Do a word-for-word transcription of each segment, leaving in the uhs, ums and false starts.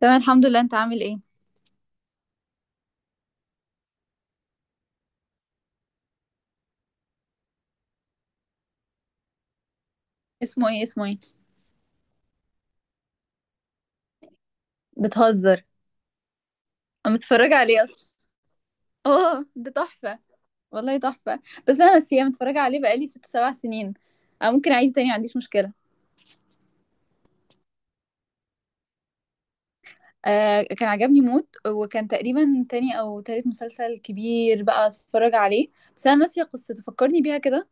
تمام، الحمد لله. انت عامل ايه؟ اسمه ايه؟ اسمه ايه؟ بتهزر؟ انا متفرجه عليه اصلا. اه، ده تحفه. والله تحفه. بس انا نسيه، متفرجه عليه بقالي ست سبع سنين. أو ممكن اعيده تاني، ما عنديش مشكله. آه، كان عجبني موت، وكان تقريبا تاني او تالت مسلسل كبير بقى اتفرج عليه. بس انا ناسيه قصته، فكرني بيها كده.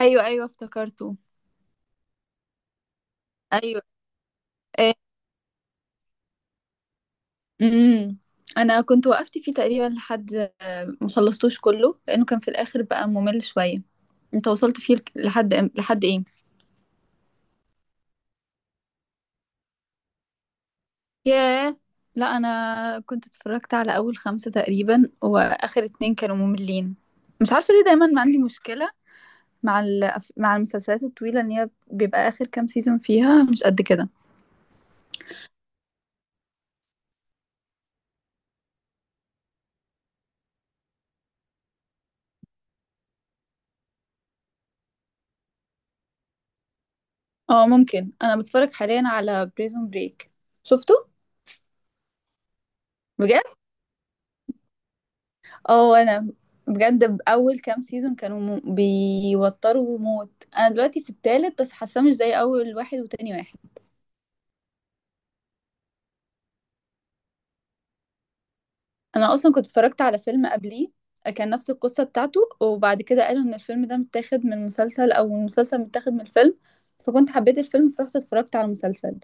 ايوه، ايوه، افتكرته. ايوه. امم. انا كنت وقفت فيه تقريبا لحد ما خلصتوش كله، لانه كان في الاخر بقى ممل شويه. انت وصلت فيه لك- لحد أم- لحد ايه؟ ياه. لا، انا كنت اتفرجت على اول خمسة تقريبا، واخر اتنين كانوا مملين. مش عارفه ليه دايما ما عندي مشكله مع الأف- مع المسلسلات الطويله، ان هي بيبقى اخر كام سيزون فيها مش قد كده. اه، ممكن. انا بتفرج حاليا على بريزون بريك. شفته؟ بجد. اه، انا بجد، اول كام سيزون كانوا م- بيوتروا موت. انا دلوقتي في التالت بس حاساه مش زي اول واحد وتاني واحد. انا اصلا كنت اتفرجت على فيلم قبليه. كان نفس القصه بتاعته، وبعد كده قالوا ان الفيلم ده متاخد من مسلسل او المسلسل متاخد من الفيلم. فكنت حبيت الفيلم، فرحت اتفرجت على المسلسل.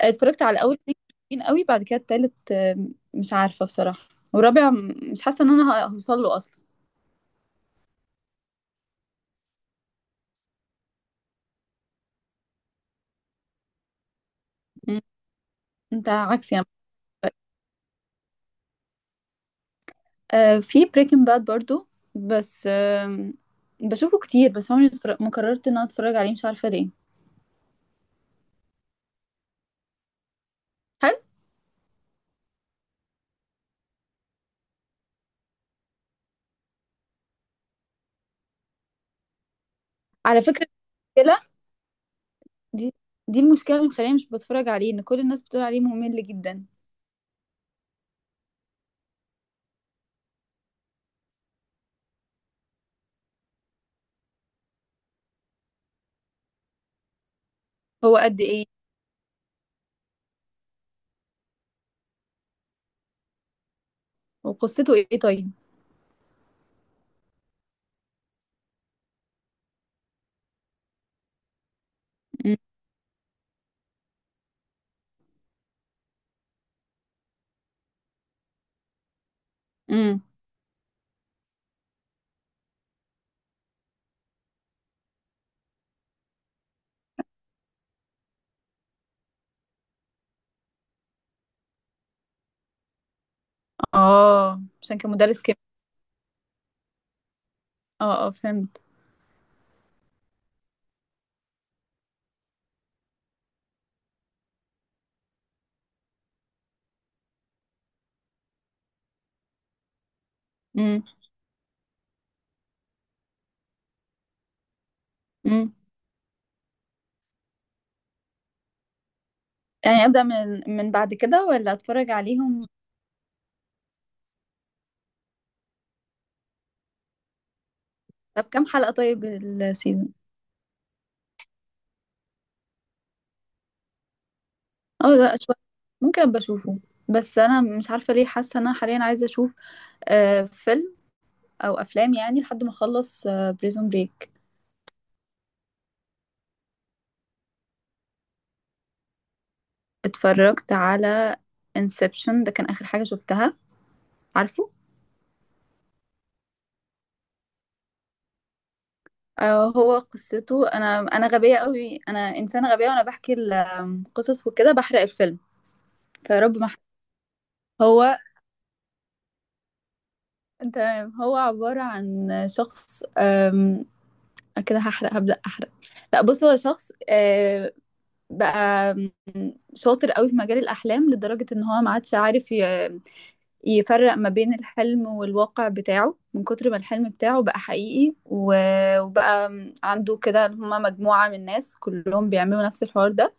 اتفرجت على اول اتنين حلوين قوي. بعد كده التالت آم، مش عارفه بصراحه. والرابع م- مش حاسه ان انا هوصل له اصلا. م. انت عكسي يعني. آه في بريكنج باد برضو. بس آه بشوفه كتير، بس عمري ما اتفرج- ما قررت ان انا اتفرج عليه، مش عارفه ليه. هل على فكره، المشكله دي، دي المشكله اللي مخليني مش بتفرج عليه، ان كل الناس بتقول عليه ممل جدا. هو قد ايه؟ وقصته ايه طيب؟ امم. أمم. اه، عشان كان مدرس كيمياء. اه، اه، فهمت. امم. امم. يعني ابدا من من بعد كده، ولا اتفرج عليهم؟ طب كام حلقه طيب السيزون؟ اه، لا، شويه. ممكن ابقى اشوفه. بس انا مش عارفه ليه حاسه ان انا حاليا عايزه اشوف آه، فيلم او افلام، يعني لحد ما اخلص بريزون بريك. اتفرجت على انسبشن، ده كان اخر حاجه شفتها. عارفه؟ آه، هو قصته، انا انا غبيه قوي، انا انسانه غبيه، وانا بحكي القصص وكده بحرق الفيلم. فيارب ما أحرق. هو. تمام. هو عباره عن شخص آم، كده هحرق، هبدا احرق. لا، بص، هو شخص آه، بقى شاطر قوي في مجال الاحلام، لدرجه ان هو ما عادش عارف ي- يفرق ما بين الحلم والواقع بتاعه، من كتر ما الحلم بتاعه بقى حقيقي و- وبقى عنده كده. هما مجموعة من ناس كلهم بيعملوا نفس الحوار ده،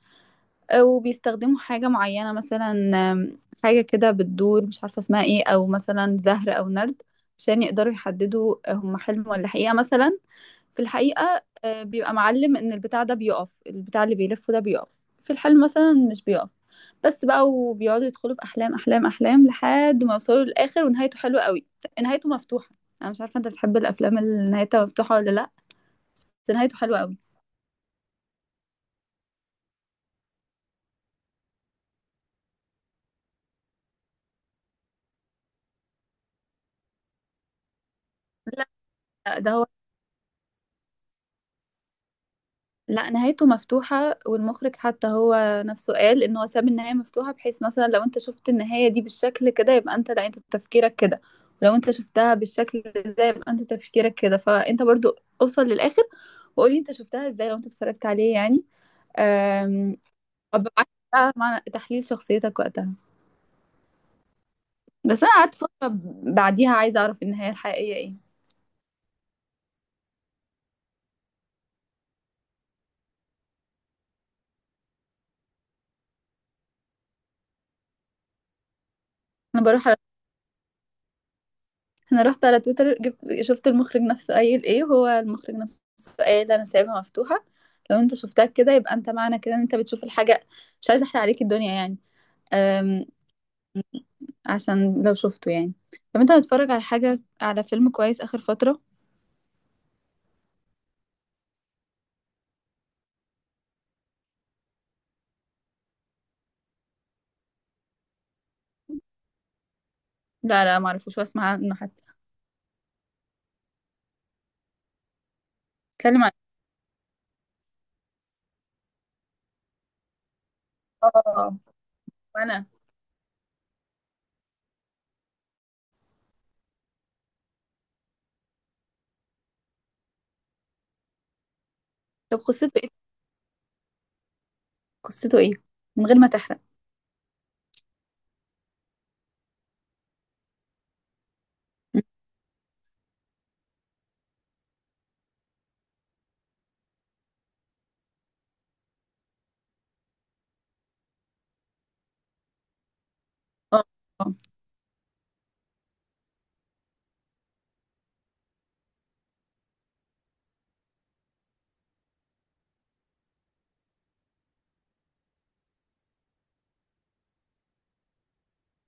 وبيستخدموا حاجة معينة مثلا آم، حاجة كده بتدور، مش عارفة اسمها ايه، أو مثلا زهر أو نرد، عشان يقدروا يحددوا هم حلم ولا حقيقة مثلا. في الحقيقة آه، بيبقى معلم إن البتاع ده بيقف، البتاع اللي بيلفه ده بيقف، في الحلم مثلا مش بيقف. بس بقى، وبيقعدوا يدخلوا في أحلام أحلام أحلام لحد ما يوصلوا للآخر، ونهايته حلوة قوي. نهايته مفتوحة. أنا مش عارفة أنت بتحب الأفلام اللي نهايتها مفتوحة ولا لأ؟ بس نهايته حلوة قوي. لا، ده، لا، نهايته مفتوحة. والمخرج حتى هو نفسه قال ان هو ساب النهاية مفتوحة، بحيث مثلا لو انت شفت النهاية دي بالشكل كده يبقى انت، لا، انت تفكيرك كده. ولو انت شفتها بالشكل ده يبقى انت تفكيرك كده، فانت برضو اوصل للاخر، وقولي انت شفتها ازاي لو انت اتفرجت عليه يعني. أم، وابعت بقى مع تحليل شخصيتك وقتها. بس انا قعدت فترة بعديها عايزة اعرف النهاية الحقيقية ايه. انا بروح، انا رحت على تويتر، جبت، شفت المخرج نفسه قايل ايه. هو المخرج نفسه قايل انا سايبها مفتوحة، لو انت شفتها كده يبقى انت، معنى كده ان انت بتشوف الحاجة. مش عايزة احرق عليك الدنيا يعني. أم... عشان لو شفته يعني. طب انت بتتفرج على حاجة، على فيلم كويس اخر فترة؟ لا، لا، معرفوش واسمع عنه حتى. اتكلم عن. إيه؟ اه. وانا. طب قصته ايه؟ قصته ايه؟ من غير ما تحرق. م. اه. آه.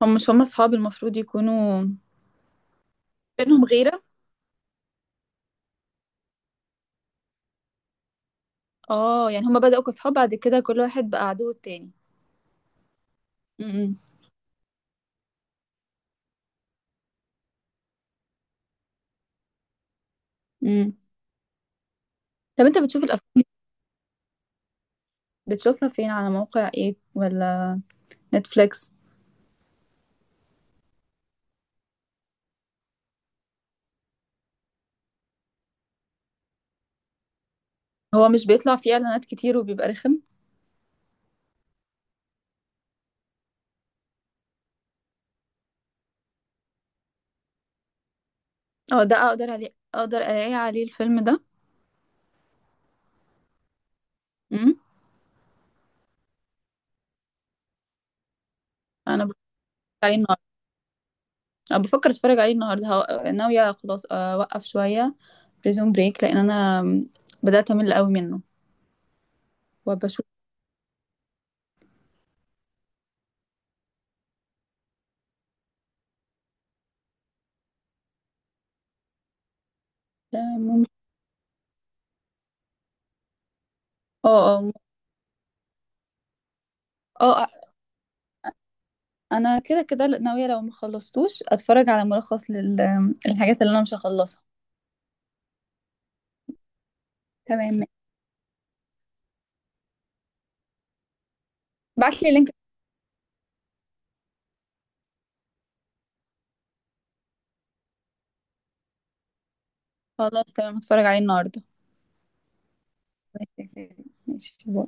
هم مش هم اصحاب المفروض يكونوا؟ بينهم غيرة؟ اه، يعني هما بدأوا كصحاب، بعد كده كل واحد بقى عدو التاني. امم. طب انت بتشوف الأف... بتشوفها فين، على موقع ايه، ولا نتفليكس؟ هو مش بيطلع فيه اعلانات كتير وبيبقى رخم؟ اه، ده اقدر عليه، اقدر الاقي عليه الفيلم ده؟ امم. انا بفكر عليه النهارده. انا بفكر اتفرج عليه النهارده. هو- ناويه خلاص آه، اوقف شويه بريزون بريك، لان انا بدات امل قوي منه. وبشوف. ده ممكن. اه، اه. اه، آه، انا كده كده ناويه لو ما خلصتوش اتفرج على ملخص للحاجات اللي انا مش هخلصها. تمام. بعتلي لينك. خلاص، تمام، هتفرج عليه النهارده. ماشي، باي.